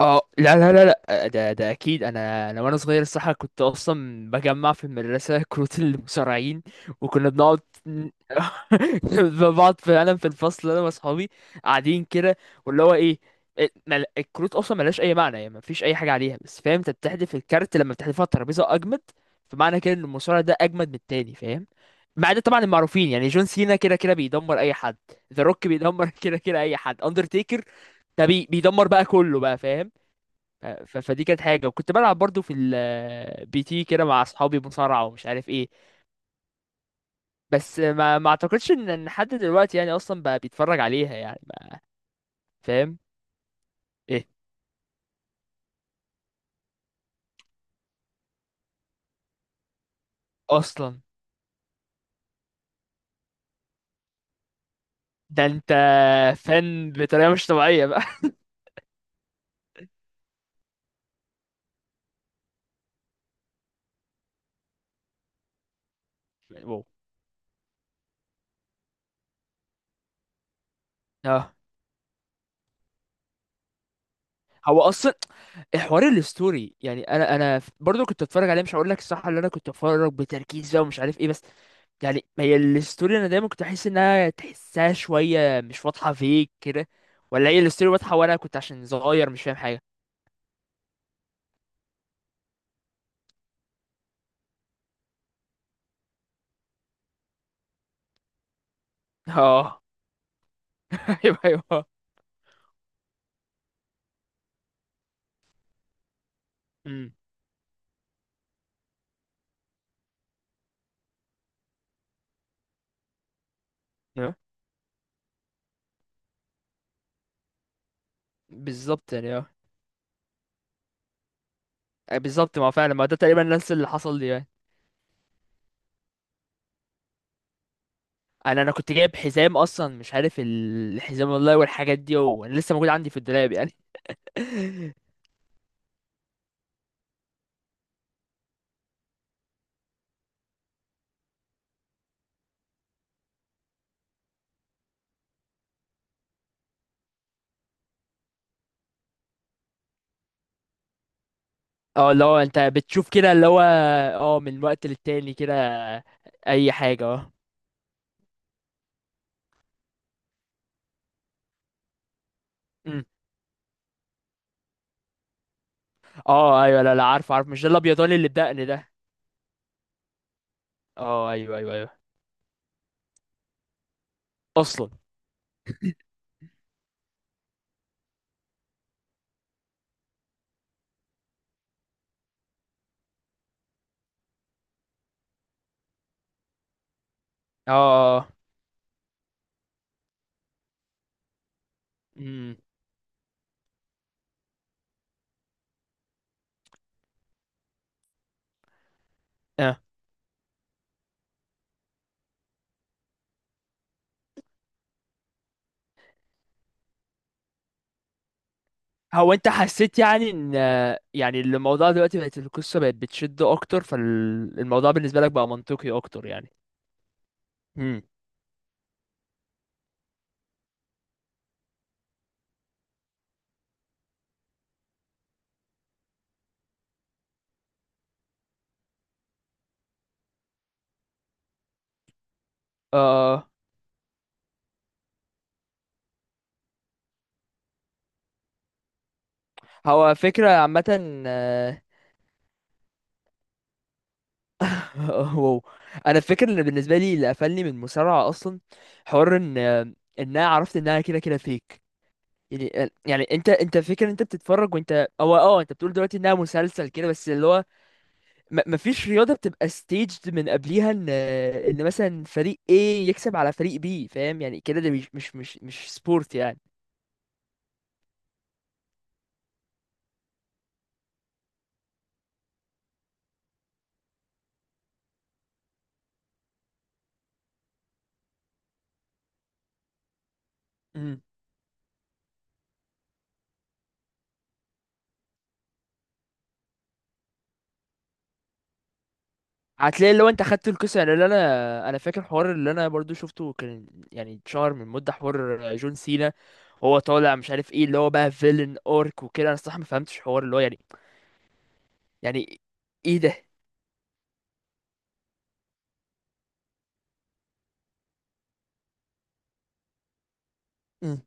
اه، لا لا لا لا، آه، ده اكيد، انا وانا صغير الصراحه كنت اصلا بجمع في المدرسه كروت المصارعين، وكنا بنقعد ن- بقعد فعلا في الفصل انا واصحابي قاعدين كده واللي هو ايه. إيه، الكروت اصلا ملهاش اي معنى، يعني مفيش اي حاجه عليها، بس فاهم انت بتحذف الكارت لما بتحذفه على الترابيزه اجمد. فمعنى كده ان المصارع ده اجمد من التاني، فاهم؟ مع ده طبعا المعروفين، يعني جون سينا كده كده بيدمر اي حد، ذا روك بيدمر كده كده اي حد، اندرتيكر ده بيدمر بقى كله بقى، فاهم؟ فدي كانت حاجة، وكنت بلعب برضو في البي تي كده مع اصحابي مصارعة ومش عارف ايه. بس ما اعتقدش ان حد دلوقتي يعني اصلا بقى بيتفرج عليها، يعني ما فاهم ايه اصلا. ده انت فن بطريقة مش طبيعية بقى. واو. اه، هو اصلا حوار الستوري، يعني انا برضو كنت اتفرج عليه، مش هقول لك الصح اللي انا كنت اتفرج بتركيز بقى ومش عارف ايه، بس يعني ما هي الستوري، انا دايما كنت احس انها تحسها شويه مش واضحه فيك كده، ولا هي الستوري واضحه وانا كنت عشان صغير مش فاهم حاجه. اه. ايوه، ايوه. امم. أيوة. بالظبط، يعني اه بالظبط، ما هو فعلا ما ده تقريبا نفس اللي حصل لي يعني. انا كنت جايب حزام اصلا، مش عارف الحزام والله، والحاجات دي، وانا لسه موجود عندي في الدولاب يعني. اه، اللي هو انت بتشوف كده اللي هو اه من وقت للتاني كده، اي حاجه اه. أمم. اه، ايوه. لا لا، عارف عارف، مش ده الابيضاني اللي بدقن ده؟ اه، ايوه ايوه ايوه. اصلا. اه اه. امم. اه، هو انت حسيت يعني ان، يعني الموضوع دلوقتي بقت القصه بقت بتشد اكتر، فالموضوع بالنسبه لك بقى منطقي اكتر يعني. امم. اه. آه. هو فكره عامه. واو. انا فاكر ان بالنسبه لي اللي قفلني من المصارعه اصلا، حوار ان انا عرفت انها كده كده فيك. يعني انت فكر، انت بتتفرج، وانت او اه انت بتقول دلوقتي انها مسلسل كده، بس اللي هو مفيش رياضه بتبقى staged من قبليها ان مثلا فريق A يكسب على فريق B، فاهم يعني كده ده مش سبورت يعني. هتلاقي لو انت خدت القصه يعني، اللي انا فاكر حوار اللي انا برضو شفته كان، يعني اتشهر من مده حوار جون سينا وهو طالع مش عارف ايه اللي هو بقى فيلن اورك وكده، انا الصراحه ما فهمتش حوار اللي هو يعني يعني ايه ده. مم.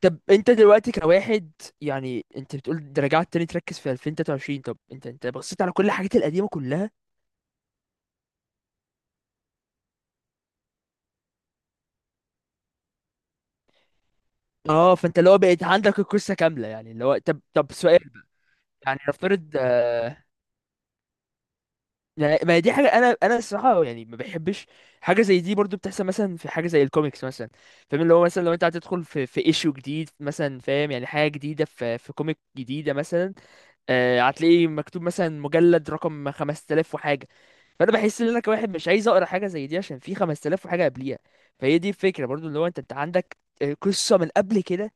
طب انت دلوقتي كواحد، يعني انت بتقول ده رجعت تاني تركز في 2023، طب انت بصيت على كل الحاجات القديمه كلها؟ اه، فانت اللي هو بقيت عندك القصه كامله، يعني اللي هو طب سؤال، يعني نفترض، يعني ما هي دي حاجه انا الصراحه يعني ما بحبش، حاجه زي دي برضو بتحصل مثلا في حاجه زي الكوميكس مثلا، فاهم؟ اللي هو مثلا لو انت هتدخل في في ايشو جديد مثلا، فاهم؟ يعني حاجه جديده في في كوميك جديده مثلا، آه هتلاقيه مكتوب مثلا مجلد رقم 5000 وحاجه، فانا بحس ان انا كواحد مش عايز اقرا حاجه زي دي عشان في 5000 وحاجه قبليها. فهي دي الفكره برضو، اللي هو انت عندك آه، قصه من قبل كده،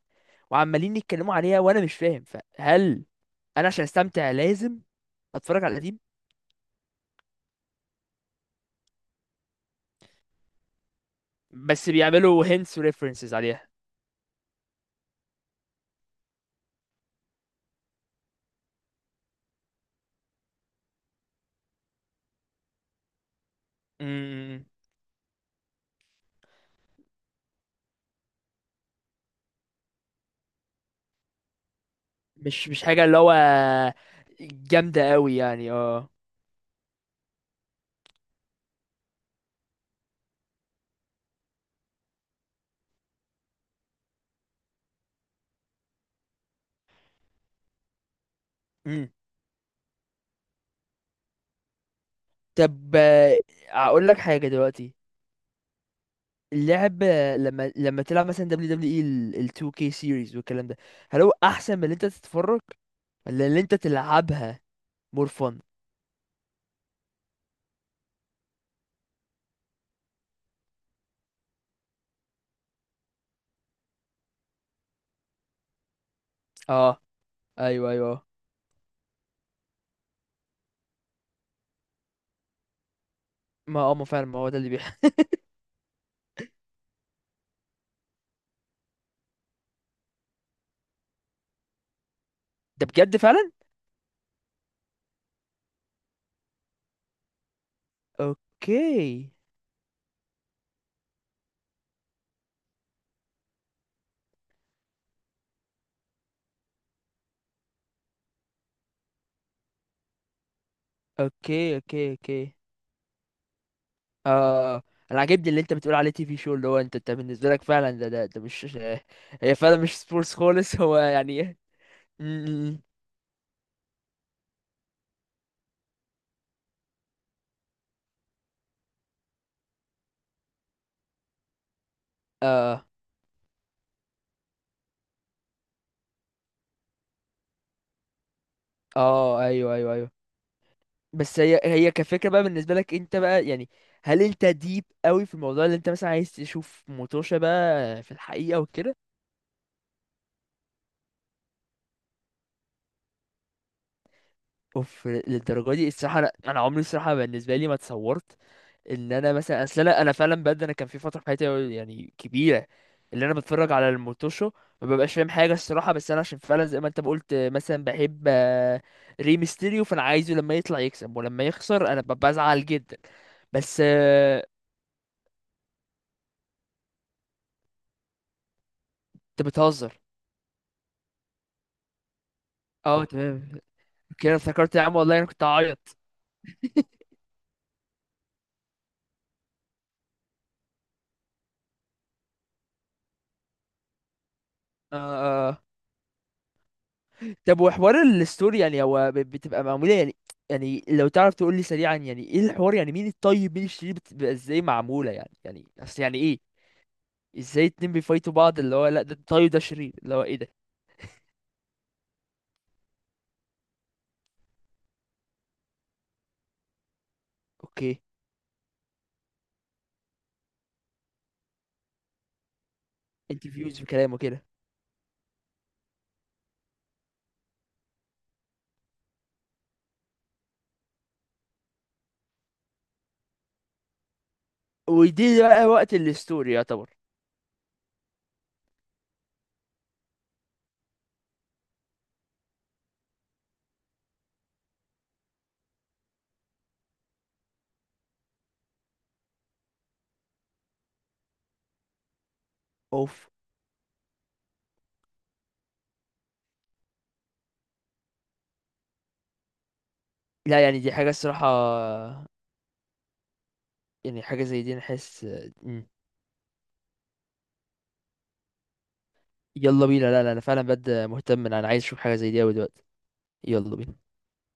وعمالين يتكلموا عليها وانا مش فاهم. فهل انا عشان استمتع لازم اتفرج على القديم؟ بس بيعملوا hints و references عليها. امم. مش مش حاجة اللي هو جامدة قوي يعني اه. امم. طب آه، اقول لك حاجة دلوقتي، اللعب آه، لما تلعب مثلا دبليو دبليو اي ال 2K series والكلام ده، هل هو احسن من اللي انت تتفرج، ولا اللي انت تلعبها more fun؟ اه، ايوه ايوه. ما فعلا، ما هو ده اللي بيحصل. ده بجد فعلا؟ اوكي اوكي اوكي، اوكي اه. انا عاجبني اللي انت بتقول عليه تي في شو، اللي هو انت بالنسبه لك فعلا ده مش هي فعلا مش سبورتس خالص. هو يعني ايه. م- م- اه اه ايوه ايوه ايوه. بس هي كفكره بقى، بالنسبه لك انت بقى يعني، هل انت ديب قوي في الموضوع، اللي انت مثلا عايز تشوف موتوشا بقى في الحقيقه وكده؟ اوف، للدرجه دي الصراحه. انا عمري الصراحه بالنسبه لي ما اتصورت ان انا مثلا، اصل انا فعلا بجد، انا كان في فتره في حياتي يعني كبيره اللي انا بتفرج على الموتوشو ما ببقاش فاهم حاجه الصراحه، بس انا عشان فعلا زي ما انت ما قلت مثلا بحب آه، ريمستيريو، فانا عايزه لما يطلع يكسب، ولما يخسر انا ببقى بزعل جدا. بس آه، انت بتهزر. اه تمام. كده افتكرت يا عم والله، انا كنت هعيط. آه آه. آه. طب وحوار الستوري يعني هو بتبقى معموله يعني، يعني لو تعرف تقول لي سريعا، يعني ايه الحوار، يعني مين الطيب مين الشرير، بتبقى ازاي معموله يعني، يعني اصل يعني ايه ازاي اتنين بيفايتوا بعض اللي هو لا ده طيب ده شرير اللي هو ايه ده؟ اوكي. انت فيوز بكلامه كده. ودي بقى وقت الستوري يعتبر. اوف. لا يعني دي حاجة الصراحة، يعني حاجة زي دي انا حاسس. مم. يلا بينا. لا لا، انا فعلا بجد مهتم، انا عايز اشوف حاجة زي دي اوي دلوقتي. يلا بينا.